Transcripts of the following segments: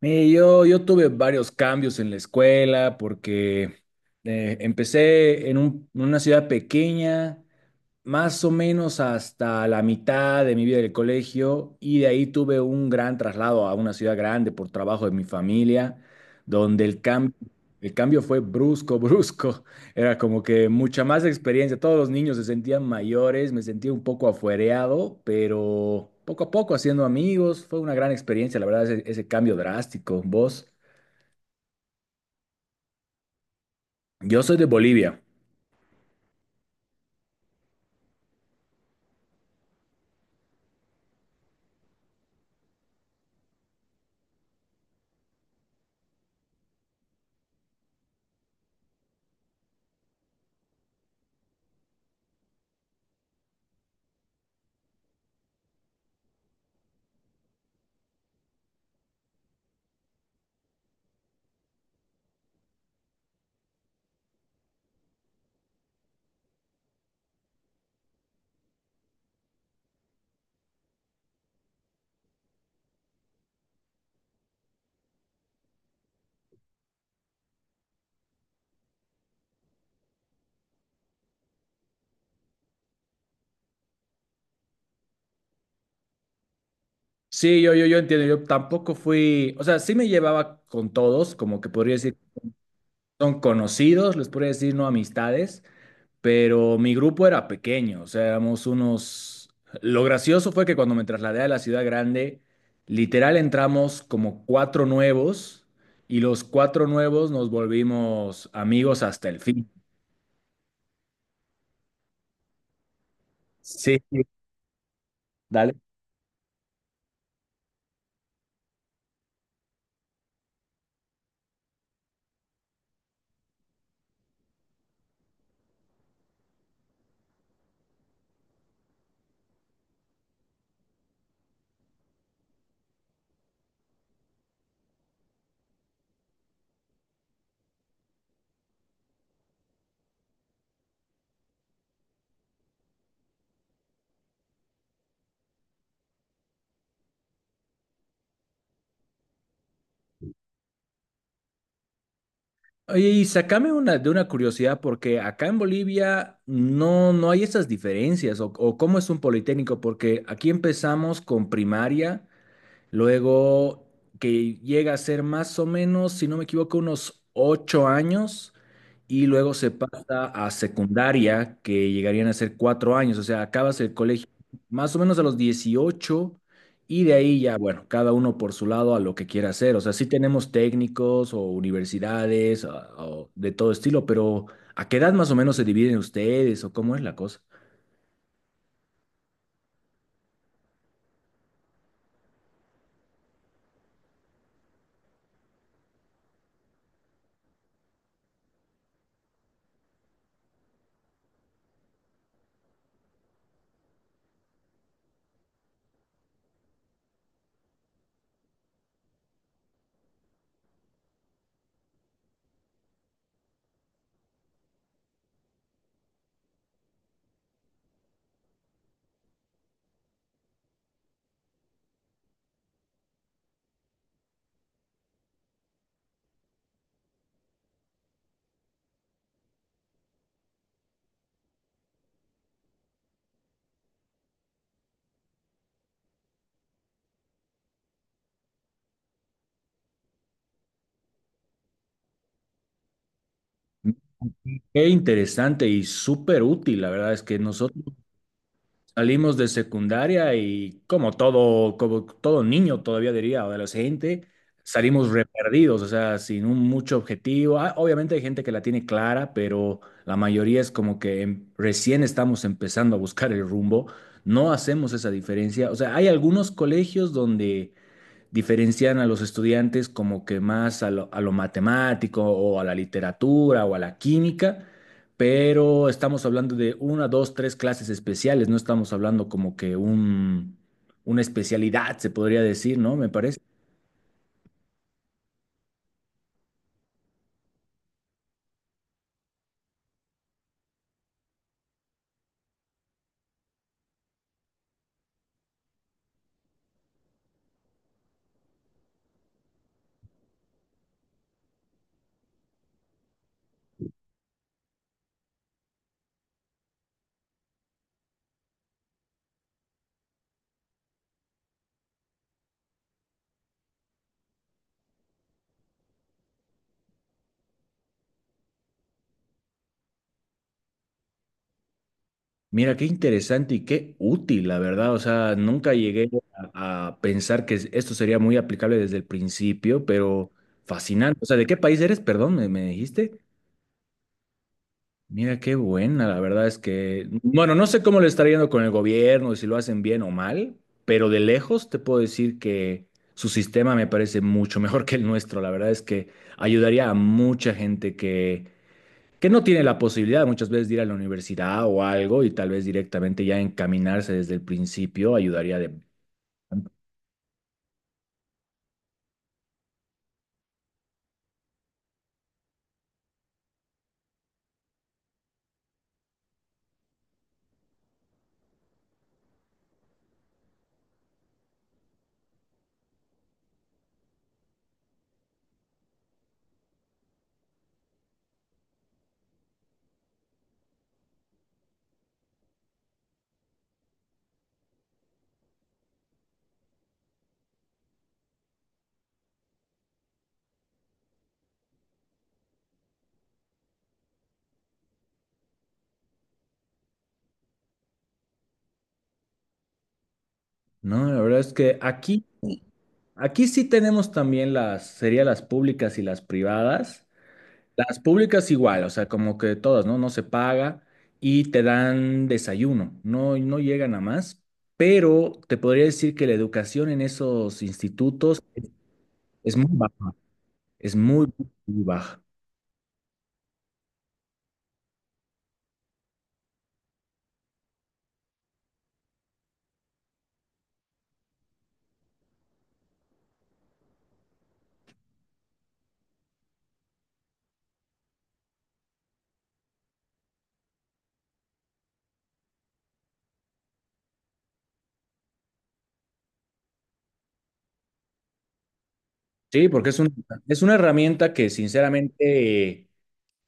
Yo, yo tuve varios cambios en la escuela porque empecé en en una ciudad pequeña más o menos hasta la mitad de mi vida del colegio y de ahí tuve un gran traslado a una ciudad grande por trabajo de mi familia, donde el cambio fue brusco, brusco. Era como que mucha más experiencia. Todos los niños se sentían mayores, me sentía un poco afuereado, pero poco a poco haciendo amigos. Fue una gran experiencia, la verdad, ese cambio drástico. ¿Vos? Yo soy de Bolivia. Sí, yo entiendo, yo tampoco fui, o sea, sí me llevaba con todos, como que podría decir. Son conocidos, les podría decir no amistades, pero mi grupo era pequeño, o sea, éramos unos... Lo gracioso fue que cuando me trasladé a la ciudad grande, literal entramos como cuatro nuevos y los cuatro nuevos nos volvimos amigos hasta el fin. Sí, dale. Oye, y sacame una, de una curiosidad, porque acá en Bolivia no hay esas diferencias, o cómo es un politécnico, porque aquí empezamos con primaria. Luego, que llega a ser más o menos, si no me equivoco, unos 8 años. Y luego se pasa a secundaria, que llegarían a ser 4 años. O sea, acabas el colegio más o menos a los 18. Y de ahí ya, bueno, cada uno por su lado a lo que quiera hacer. O sea, sí tenemos técnicos o universidades o de todo estilo, pero ¿a qué edad más o menos se dividen ustedes o cómo es la cosa? Qué interesante y súper útil, la verdad es que nosotros salimos de secundaria y como todo niño todavía diría, o adolescente, salimos re perdidos, o sea, sin un mucho objetivo. Ah, obviamente hay gente que la tiene clara, pero la mayoría es como que recién estamos empezando a buscar el rumbo, no hacemos esa diferencia. O sea, hay algunos colegios donde diferencian a los estudiantes como que más a a lo matemático o a la literatura o a la química, pero estamos hablando de una, dos, tres clases especiales, no estamos hablando como que una especialidad, se podría decir, ¿no? Me parece. Mira, qué interesante y qué útil, la verdad. O sea, nunca llegué a pensar que esto sería muy aplicable desde el principio, pero fascinante. O sea, ¿de qué país eres? Perdón, me dijiste? Mira, qué buena, la verdad es que, bueno, no sé cómo le está yendo con el gobierno, si lo hacen bien o mal, pero de lejos te puedo decir que su sistema me parece mucho mejor que el nuestro. La verdad es que ayudaría a mucha gente que no tiene la posibilidad muchas veces de ir a la universidad o algo y tal vez directamente ya encaminarse desde el principio ayudaría de... No, la verdad es que aquí sí tenemos también las, sería las públicas y las privadas. Las públicas igual, o sea, como que todas, ¿no? No se paga y te dan desayuno, no llegan a más, pero te podría decir que la educación en esos institutos es muy baja, es muy, muy baja. Sí, porque es es una herramienta que sinceramente,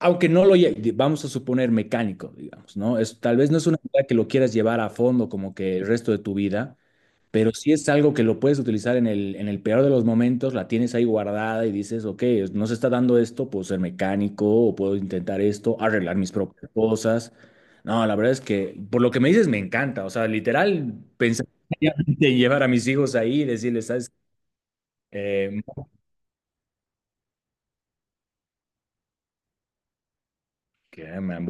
aunque no vamos a suponer mecánico, digamos, ¿no? Es, tal vez no es una idea que lo quieras llevar a fondo como que el resto de tu vida. Pero sí es algo que lo puedes utilizar en en el peor de los momentos, la tienes ahí guardada y dices, ok, no se está dando esto, puedo ser mecánico o puedo intentar esto, arreglar mis propias cosas. No, la verdad es que por lo que me dices me encanta. O sea, literal, pensar seriamente en llevar a mis hijos ahí y decirles, ¿sabes? No, que me han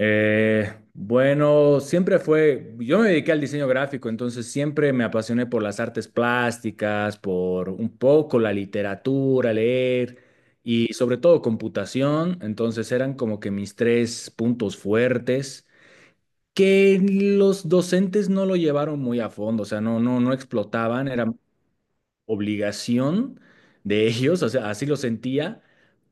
Bueno, siempre fue, yo me dediqué al diseño gráfico, entonces siempre me apasioné por las artes plásticas, por un poco la literatura, leer y sobre todo computación, entonces eran como que mis tres puntos fuertes que los docentes no lo llevaron muy a fondo, o sea, no explotaban, era obligación de ellos, o sea, así lo sentía,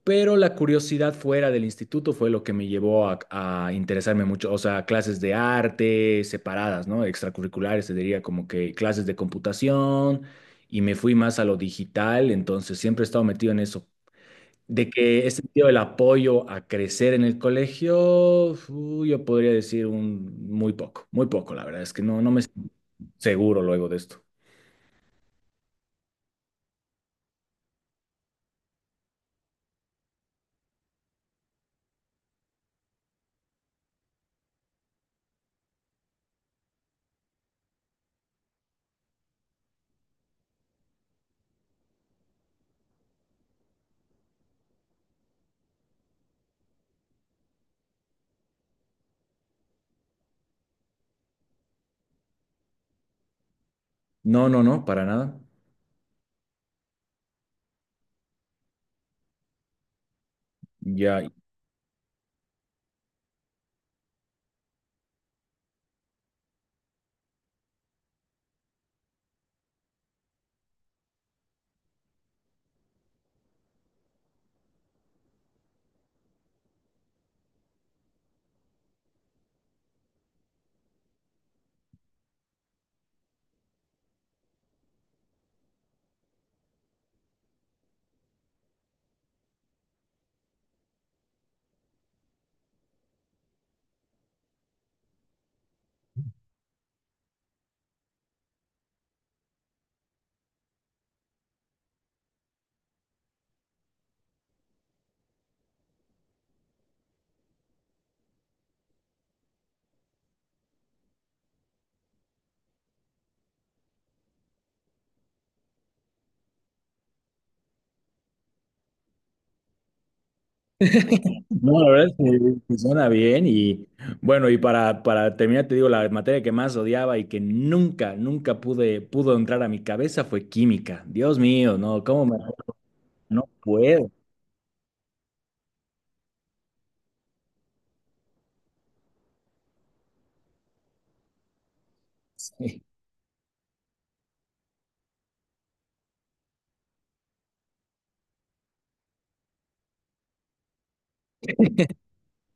pero la curiosidad fuera del instituto fue lo que me llevó a interesarme mucho, o sea, clases de arte separadas, ¿no? Extracurriculares, se diría como que clases de computación, y me fui más a lo digital, entonces siempre he estado metido en eso. De que he sentido el apoyo a crecer en el colegio, yo podría decir un muy poco, la verdad es que no me siento seguro luego de esto. No, no, no, para nada. Ya, no, la verdad es que suena bien y bueno, y para terminar, te digo, la materia que más odiaba y que nunca pudo entrar a mi cabeza fue química. Dios mío, no, ¿cómo me... No puedo. Sí,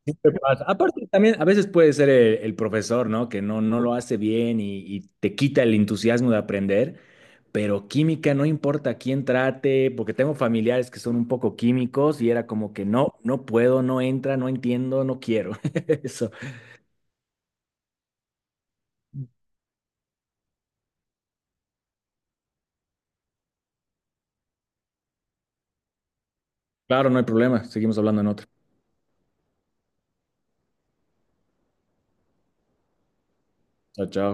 siempre pasa. Aparte, también a veces puede ser el profesor, ¿no? Que no lo hace bien y te quita el entusiasmo de aprender, pero química no importa quién trate, porque tengo familiares que son un poco químicos y era como que no puedo, no entra, no entiendo, no quiero. Eso. Claro, no hay problema. Seguimos hablando en otra. Chao, chao.